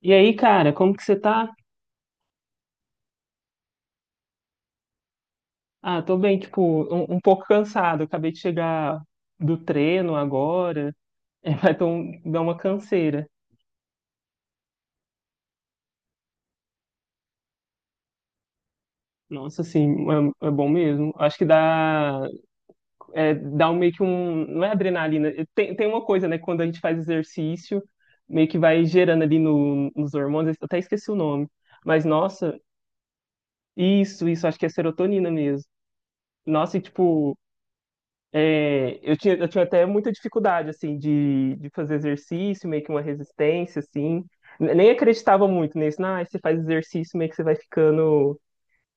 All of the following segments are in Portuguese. E aí, cara, como que você tá? Ah, tô bem, tipo, um pouco cansado. Acabei de chegar do treino agora. É, vai dar uma canseira. Nossa, assim, é bom mesmo. Acho que dá, dá um, meio que um. Não é adrenalina. Tem uma coisa, né? Quando a gente faz exercício, meio que vai gerando ali no, nos hormônios. Eu até esqueci o nome. Mas, nossa, isso, acho que é serotonina mesmo. Nossa, e tipo. É, eu tinha até muita dificuldade, assim, de fazer exercício, meio que uma resistência, assim. Nem acreditava muito nisso. Ah, você faz exercício, meio que você vai ficando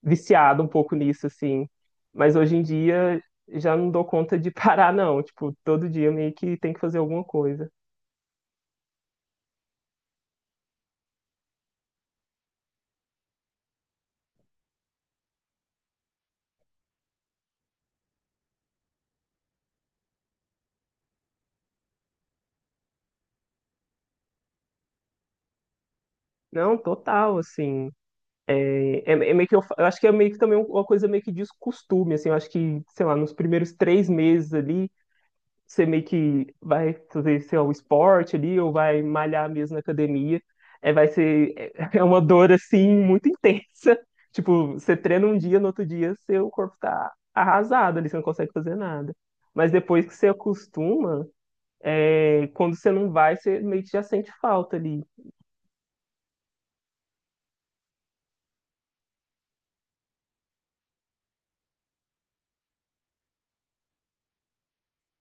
viciado um pouco nisso, assim. Mas hoje em dia, já não dou conta de parar, não. Tipo, todo dia meio que tem que fazer alguma coisa. Não, total, assim. É meio que eu acho que é meio que também uma coisa meio que de costume, assim. Eu acho que, sei lá, nos primeiros 3 meses ali você meio que vai fazer seu esporte ali, ou vai malhar mesmo na academia. É, vai ser, é uma dor assim muito intensa. Tipo, você treina um dia, no outro dia seu corpo tá arrasado ali, você não consegue fazer nada. Mas depois que você acostuma, é, quando você não vai, você meio que já sente falta ali.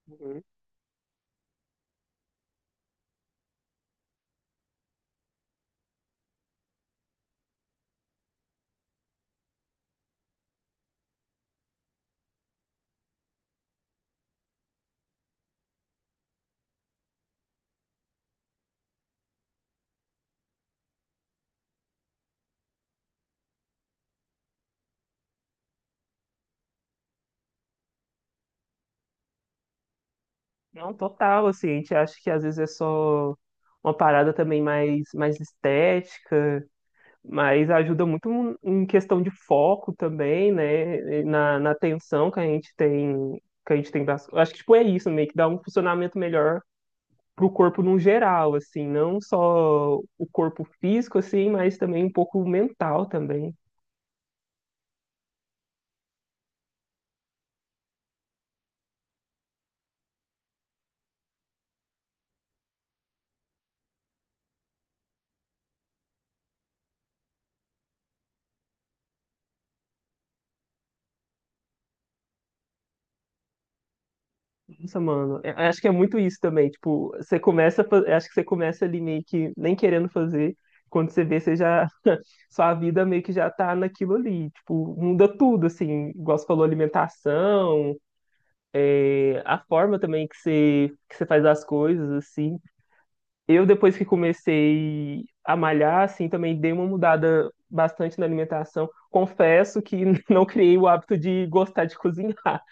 Uhum. Não, total, assim, a gente acha que às vezes é só uma parada também mais estética, mas ajuda muito um, em questão de foco também, né? Na atenção que a gente tem, acho que tipo, é isso, meio que dá um funcionamento melhor pro corpo no geral, assim, não só o corpo físico, assim, mas também um pouco mental também. Nossa, mano, é, eu acho que é muito isso também, tipo, você eu acho que você começa ali meio que nem querendo fazer, quando você vê, você já, sua vida meio que já tá naquilo ali, tipo, muda tudo, assim, igual você falou, alimentação, a forma também que você faz as coisas, assim. Eu, depois que comecei a malhar, assim, também dei uma mudada bastante na alimentação. Confesso que não criei o hábito de gostar de cozinhar.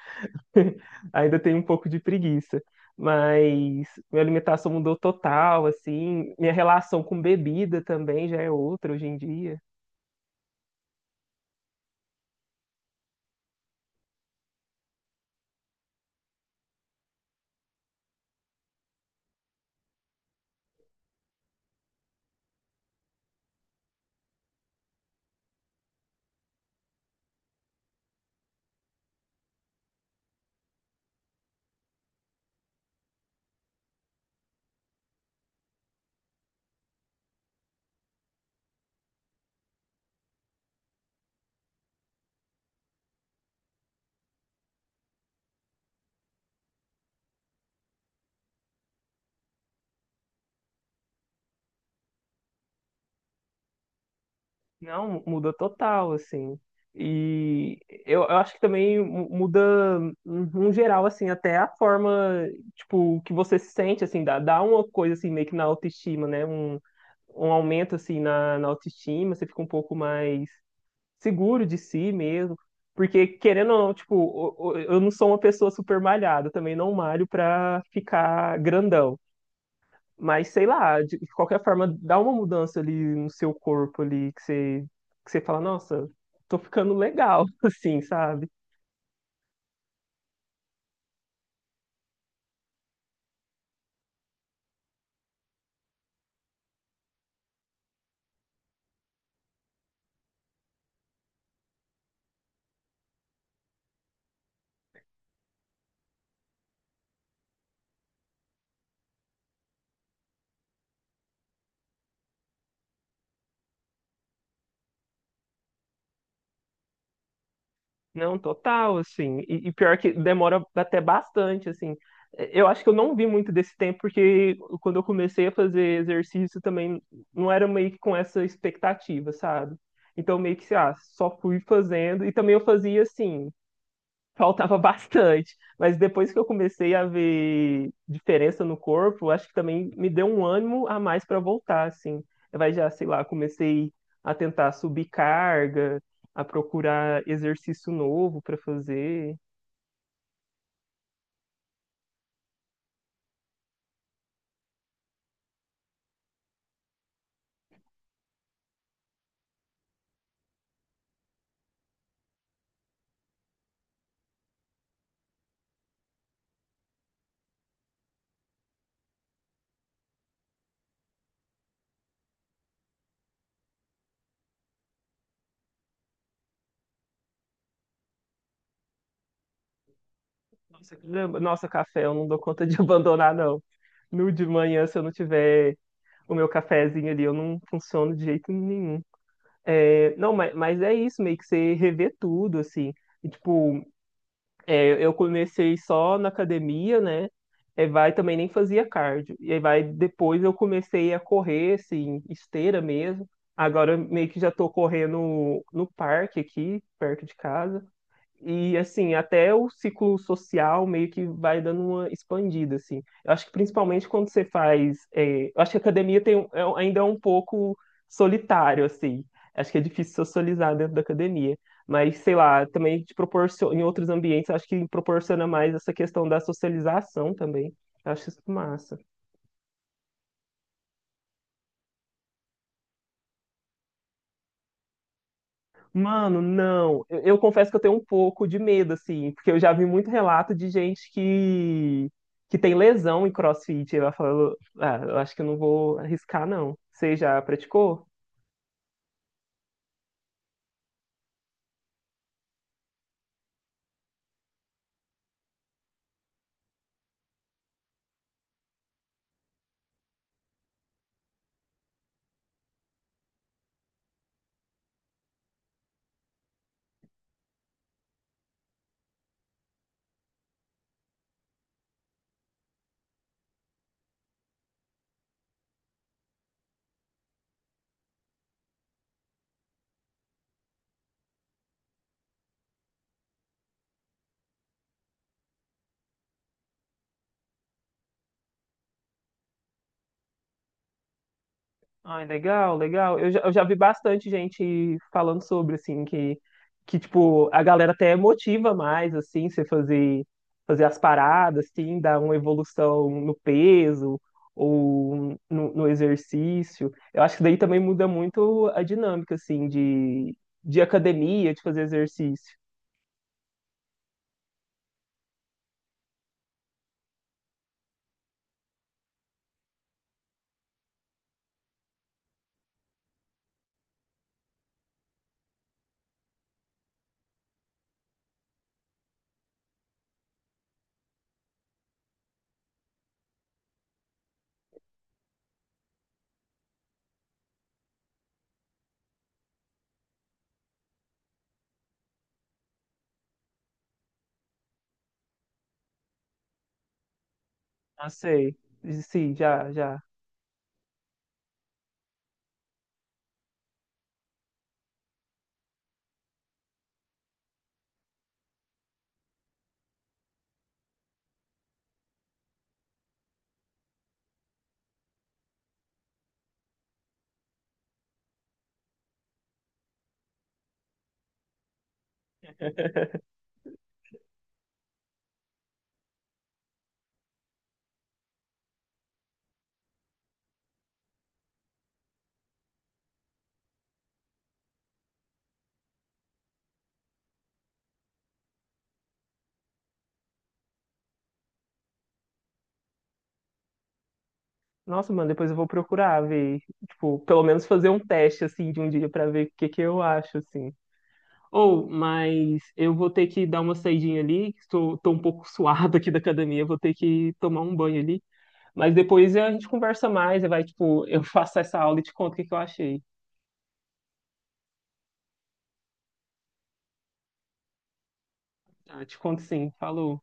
Ainda tenho um pouco de preguiça. Mas minha alimentação mudou total, assim. Minha relação com bebida também já é outra hoje em dia. Não, muda total, assim. E eu acho que também muda, no geral, assim, até a forma, tipo, que você se sente, assim, dá uma coisa, assim, meio que na autoestima, né? Um aumento, assim, na autoestima, você fica um pouco mais seguro de si mesmo. Porque, querendo ou não, tipo, eu não sou uma pessoa super malhada, eu também não malho pra ficar grandão. Mas sei lá, de qualquer forma, dá uma mudança ali no seu corpo ali que você fala, nossa, tô ficando legal, assim, sabe? Não, total, assim. E pior que demora até bastante, assim. Eu acho que eu não vi muito desse tempo, porque quando eu comecei a fazer exercício também não era meio que com essa expectativa, sabe? Então meio que, ah, só fui fazendo. E também eu fazia assim. Faltava bastante. Mas depois que eu comecei a ver diferença no corpo, acho que também me deu um ânimo a mais para voltar, assim. Vai já, sei lá, comecei a tentar subir carga, a procurar exercício novo para fazer. Nossa, caramba, nossa, café, eu não dou conta de abandonar, não. No de manhã, se eu não tiver o meu cafezinho ali, eu não funciono de jeito nenhum. É, não, mas é isso, meio que você rever tudo, assim. E, tipo, é, eu comecei só na academia, né? É, vai também nem fazia cardio. E aí vai depois eu comecei a correr, assim, esteira mesmo. Agora eu meio que já tô correndo no parque aqui, perto de casa. E assim, até o ciclo social meio que vai dando uma expandida, assim. Eu acho que principalmente quando você faz. É, eu acho que a academia tem, um- é um- ainda é um pouco solitário, assim. Acho que é difícil socializar dentro da academia. Mas, sei lá, também te proporciona, em outros ambientes, acho que proporciona mais essa questão da socialização também. Eu acho isso massa. Mano, não. Eu confesso que eu tenho um pouco de medo, assim, porque eu já vi muito relato de gente que tem lesão em CrossFit. E ela falou, ah, eu acho que eu não vou arriscar, não. Você já praticou? Ai, legal, legal. Eu já vi bastante gente falando sobre, assim, que, tipo, a galera até motiva mais, assim, fazer as paradas, assim, dar uma evolução no peso ou no exercício. Eu acho que daí também muda muito a dinâmica, assim, de academia, de fazer exercício. Ah, sei. Sim, já, já. Nossa, mano, depois eu vou procurar ver, tipo, pelo menos fazer um teste, assim, de um dia pra ver o que que eu acho, assim. Ou, mas eu vou ter que dar uma saidinha ali, que estou tô um pouco suado aqui da academia, vou ter que tomar um banho ali. Mas depois a gente conversa mais, vai, tipo, eu faço essa aula e te conto o que que eu achei. Ah, te conto sim, falou.